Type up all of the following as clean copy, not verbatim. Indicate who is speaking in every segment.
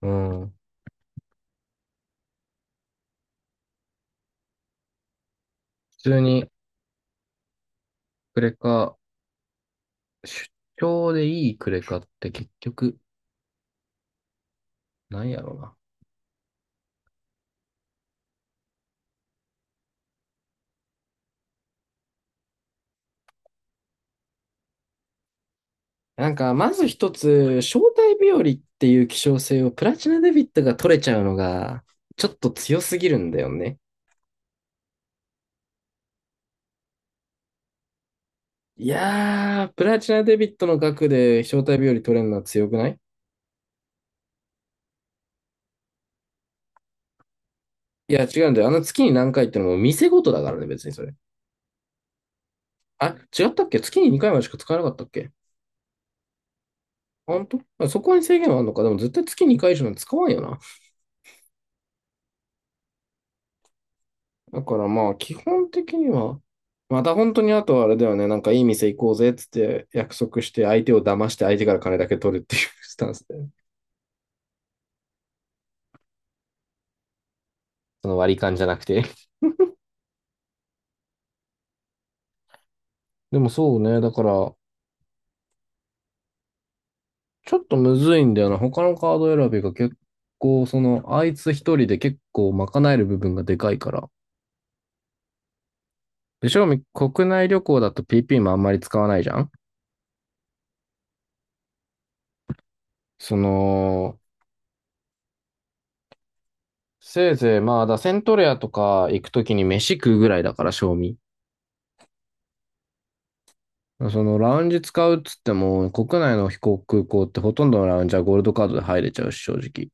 Speaker 1: うん。普通にクレカ、出張でいいクレカって結局、なんやろうな。なんか、まず一つ、招待日和っていう希少性をプラチナデビットが取れちゃうのが、ちょっと強すぎるんだよね。いやー、プラチナデビットの額で招待日和取れるのは強くない？いや、違うんだよ。あの月に何回ってのも店ごとだからね、別にそれ。あ、違ったっけ？月に2回までしか使えなかったっけ？ほんとあそこに制限はあるのか？でも絶対月に2回以上なんて使わんよな。だからまあ、基本的には、また本当にあとはあれだよね、なんかいい店行こうぜっつって約束して相手を騙して相手から金だけ取るっていうスタンスで。その割り勘じゃなくて。でもそうね、だから、ちょっとむずいんだよな。他のカード選びが結構、その、あいつ一人で結構賄える部分がでかいから。で、正味国内旅行だと PP もあんまり使わないじゃん。その、せいぜいまあ、だセントレアとか行くときに飯食うぐらいだから、正味。そのラウンジ使うっつっても、国内の飛行空港ってほとんどのラウンジはゴールドカードで入れちゃうし、正直。っ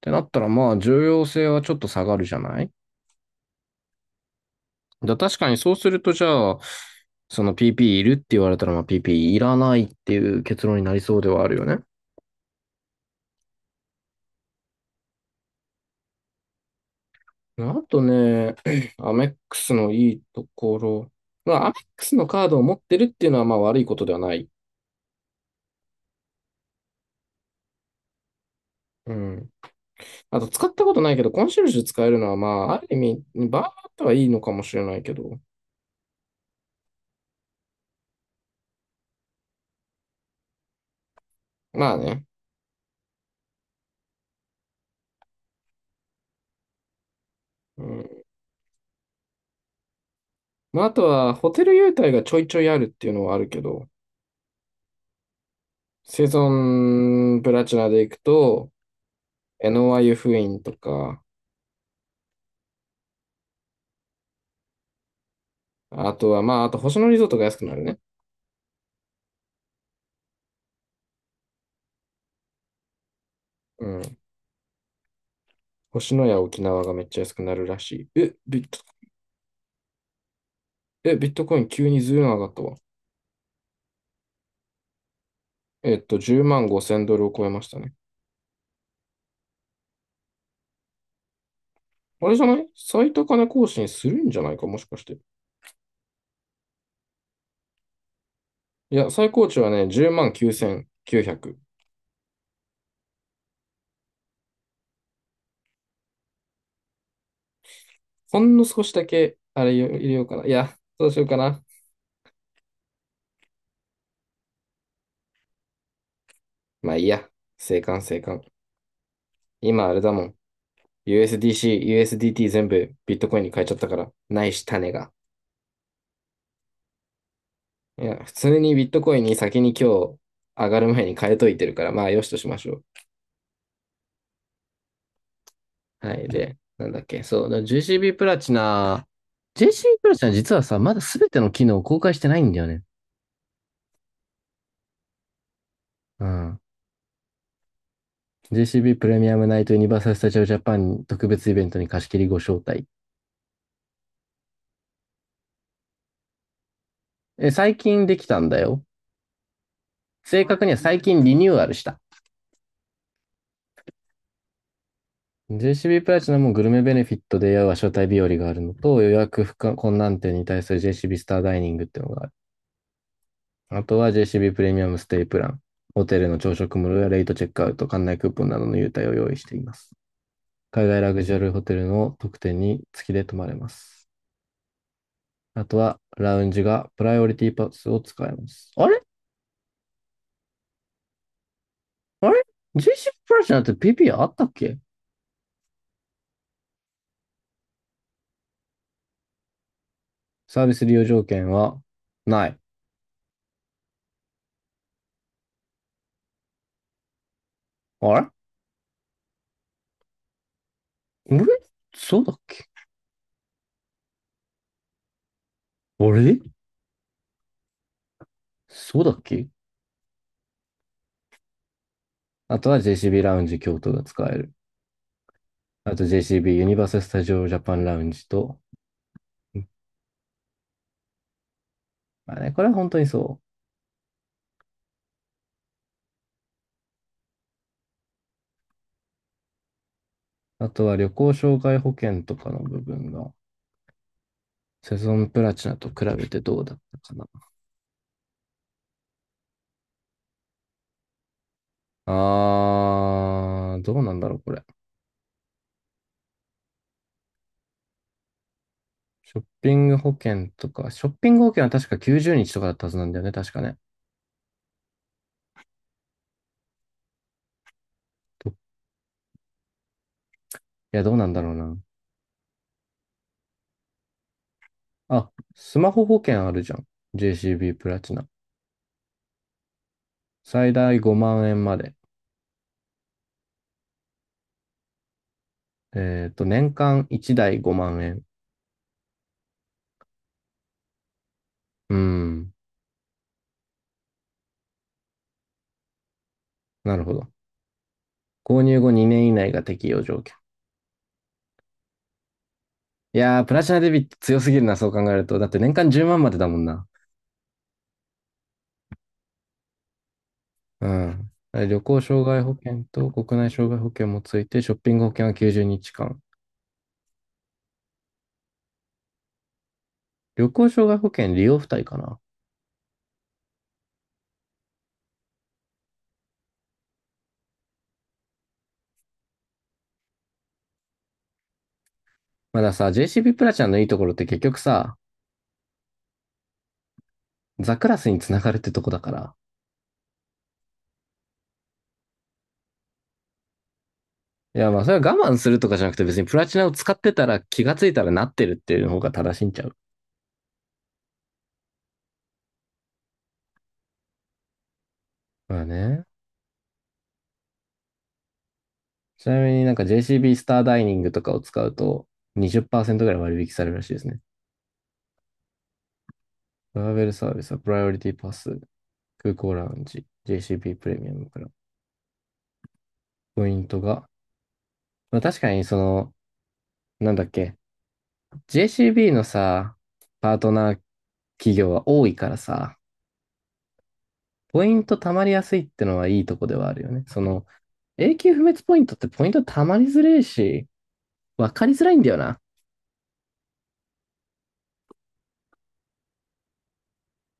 Speaker 1: てなったら、まあ、重要性はちょっと下がるじゃない。だ確かにそうすると、じゃあ、その PP いるって言われたら、まあ、PP いらないっていう結論になりそうではあるよね。あとね、アメックスのいいところ。まあ、アメックスのカードを持ってるっていうのは、まあ、悪いことではない。うん。あと、使ったことないけど、コンシェルジュ使えるのは、まあ、ある意味、バーってはいいのかもしれないけど。まあね。うん。まあ、あとは、ホテル優待がちょいちょいあるっていうのはあるけど、セゾンプラチナで行くと、エノワ湯布院とか、あとは、まあ、あと星野リゾートが安くなるね。うん。星野や沖縄がめっちゃ安くなるらしい。え、ビット、え、ビットコイン急にずいぶん上がったわ。10万5千ドルを超えましたね。あれじゃない、最高値更新するんじゃないかもしかして。いや、最高値はね、10万9900。ほんの少しだけ、あれ入れようかな。いや、どうしようかな。まあいいや。静観静観。今あれだもん。USDC、USDT 全部ビットコインに変えちゃったから。ないし、種が。いや、普通にビットコインに先に今日上がる前に変えといてるから、まあよしとしましょう。はい。で、なんだっけ。そう。だから JCB プラチナ、JCB プラチナ実はさ、まだ全ての機能を公開してないんだよね。うん。JCB プレミアムナイトユニバーサル・スタジオ・ジャパン特別イベントに貸し切りご招待。え、最近できたんだよ。正確には最近リニューアルした。JCB プラチナもグルメベネフィットでは招待日和があるのと、予約不可困難点に対する JCB スターダイニングっていうのがある。あとは JCB プレミアムステイプラン、ホテルの朝食無料やレイトチェックアウト、館内クーポンなどの優待を用意しています。海外ラグジュアルホテルの特典に月で泊まれます。あとはラウンジがプライオリティパスを使えます。あれ？あれ？ JCB プラチナって PP あったっけ？サービス利用条件はない。あれ？あれ、そうだっけ？あれ、そうだっけ？あとは JCB ラウンジ京都が使える。あと JCB ユニバーサル・スタジオ・ジャパンラウンジと、まあね、これは本当にそう。あとは旅行障害保険とかの部分が、セゾンプラチナと比べてどうだったかな。あー、どうなんだろう、これ。ショッピング保険とか、ショッピング保険は確か90日とかだったはずなんだよね、確かね。いや、どうなんだろうな。あ、スマホ保険あるじゃん。JCB プラチナ。最大5万円まで。年間1台5万円。うーん。なるほど。購入後2年以内が適用条件。いやー、プラチナデビット強すぎるな、そう考えると。だって年間10万まんまでだもんな。うん。あれ、旅行障害保険と国内障害保険もついて、ショッピング保険は90日間。旅行障害保険利用付帯かな。まださ、JCB プラチナのいいところって結局さ、ザクラスにつながるってとこだから。いや、まあそれは我慢するとかじゃなくて、別にプラチナを使ってたら気がついたらなってるっていうの方が正しいんちゃう。まあね。ちなみになんか JCB スターダイニングとかを使うと20%ぐらい割引されるらしいですね。トラベルサービスはプライオリティパス、空港ラウンジ、JCB プレミアムから。ポイントが。まあ確かにその、なんだっけ、JCB のさ、パートナー企業は多いからさ、ポイント貯まりやすいってのはいいとこではあるよね。その、永久不滅ポイントってポイント貯まりづれえし、わかりづらいんだよな。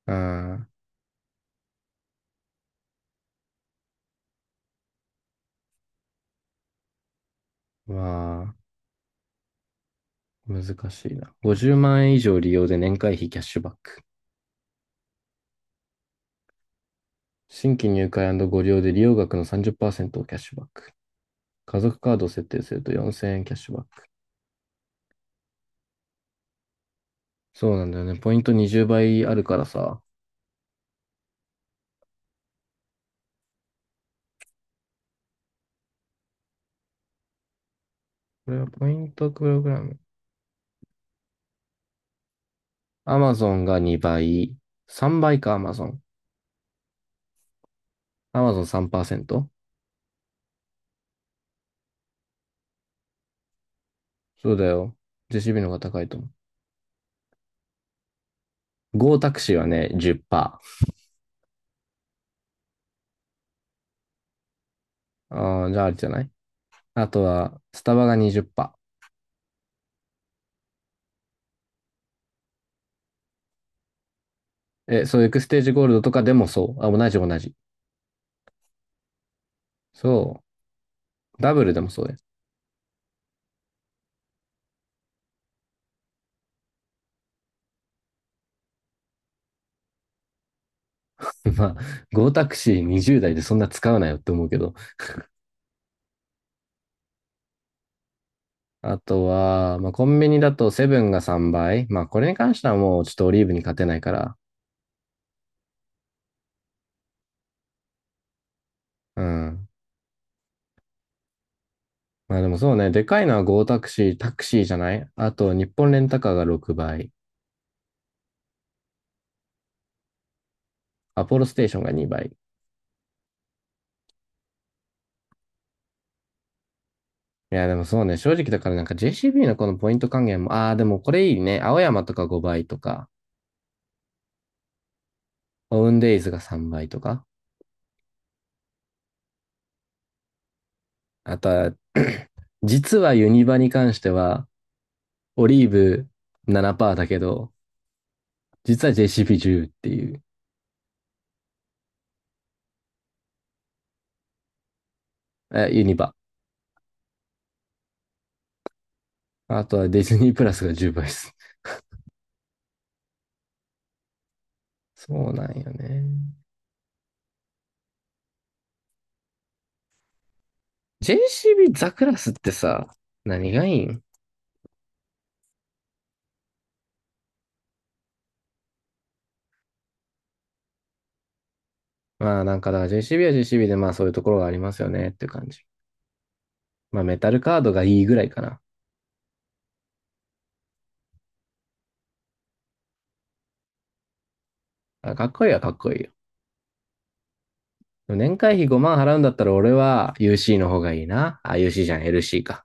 Speaker 1: うん。まあ、難しいな。50万円以上利用で年会費キャッシュバック。新規入会ご利用で利用額の30%をキャッシュバック。家族カードを設定すると4000円キャッシュバック。そうなんだよね。ポイント20倍あるからさ。これはポイントプログラム。Amazon が2倍。3倍か Amazon。Amazon3%? そうだよ。JCB の方が高いと思う。Go タクシーはね、10%。ああ、じゃああれじゃない？あとは、スタバが20%。え、そういうエクステージゴールドとかでもそう。あ、同じ同じ。そう。ダブルでもそうです。まあ、ゴータクシー20台でそんな使うないよって思うけど。あとは、まあ、コンビニだとセブンが3倍。まあ、これに関してはもうちょっとオリーブに勝てないから。うん。まあでもそうね、でかいのはゴータクシー、タクシーじゃない、あと、日本レンタカーが6倍。アポロステーションが2倍。いや、でもそうね、正直だからなんか JCB のこのポイント還元も、ああ、でもこれいいね。青山とか5倍とか、オウンデイズが3倍とか。あとは、実はユニバに関しては、オリーブ7%だけど、実は JCP10 っていう、え、ユニバ。あとはディズニープラスが10倍です。そうなんよね。JCB ザクラスってさ、何がいいん？まあなんかだから JCB は JCB でまあそういうところがありますよねっていう感じ。まあメタルカードがいいぐらいかな。あ、かっこいいはかっこいいよ。でも年会費5万払うんだったら俺は UC の方がいいな。あ、UC じゃん、LC か。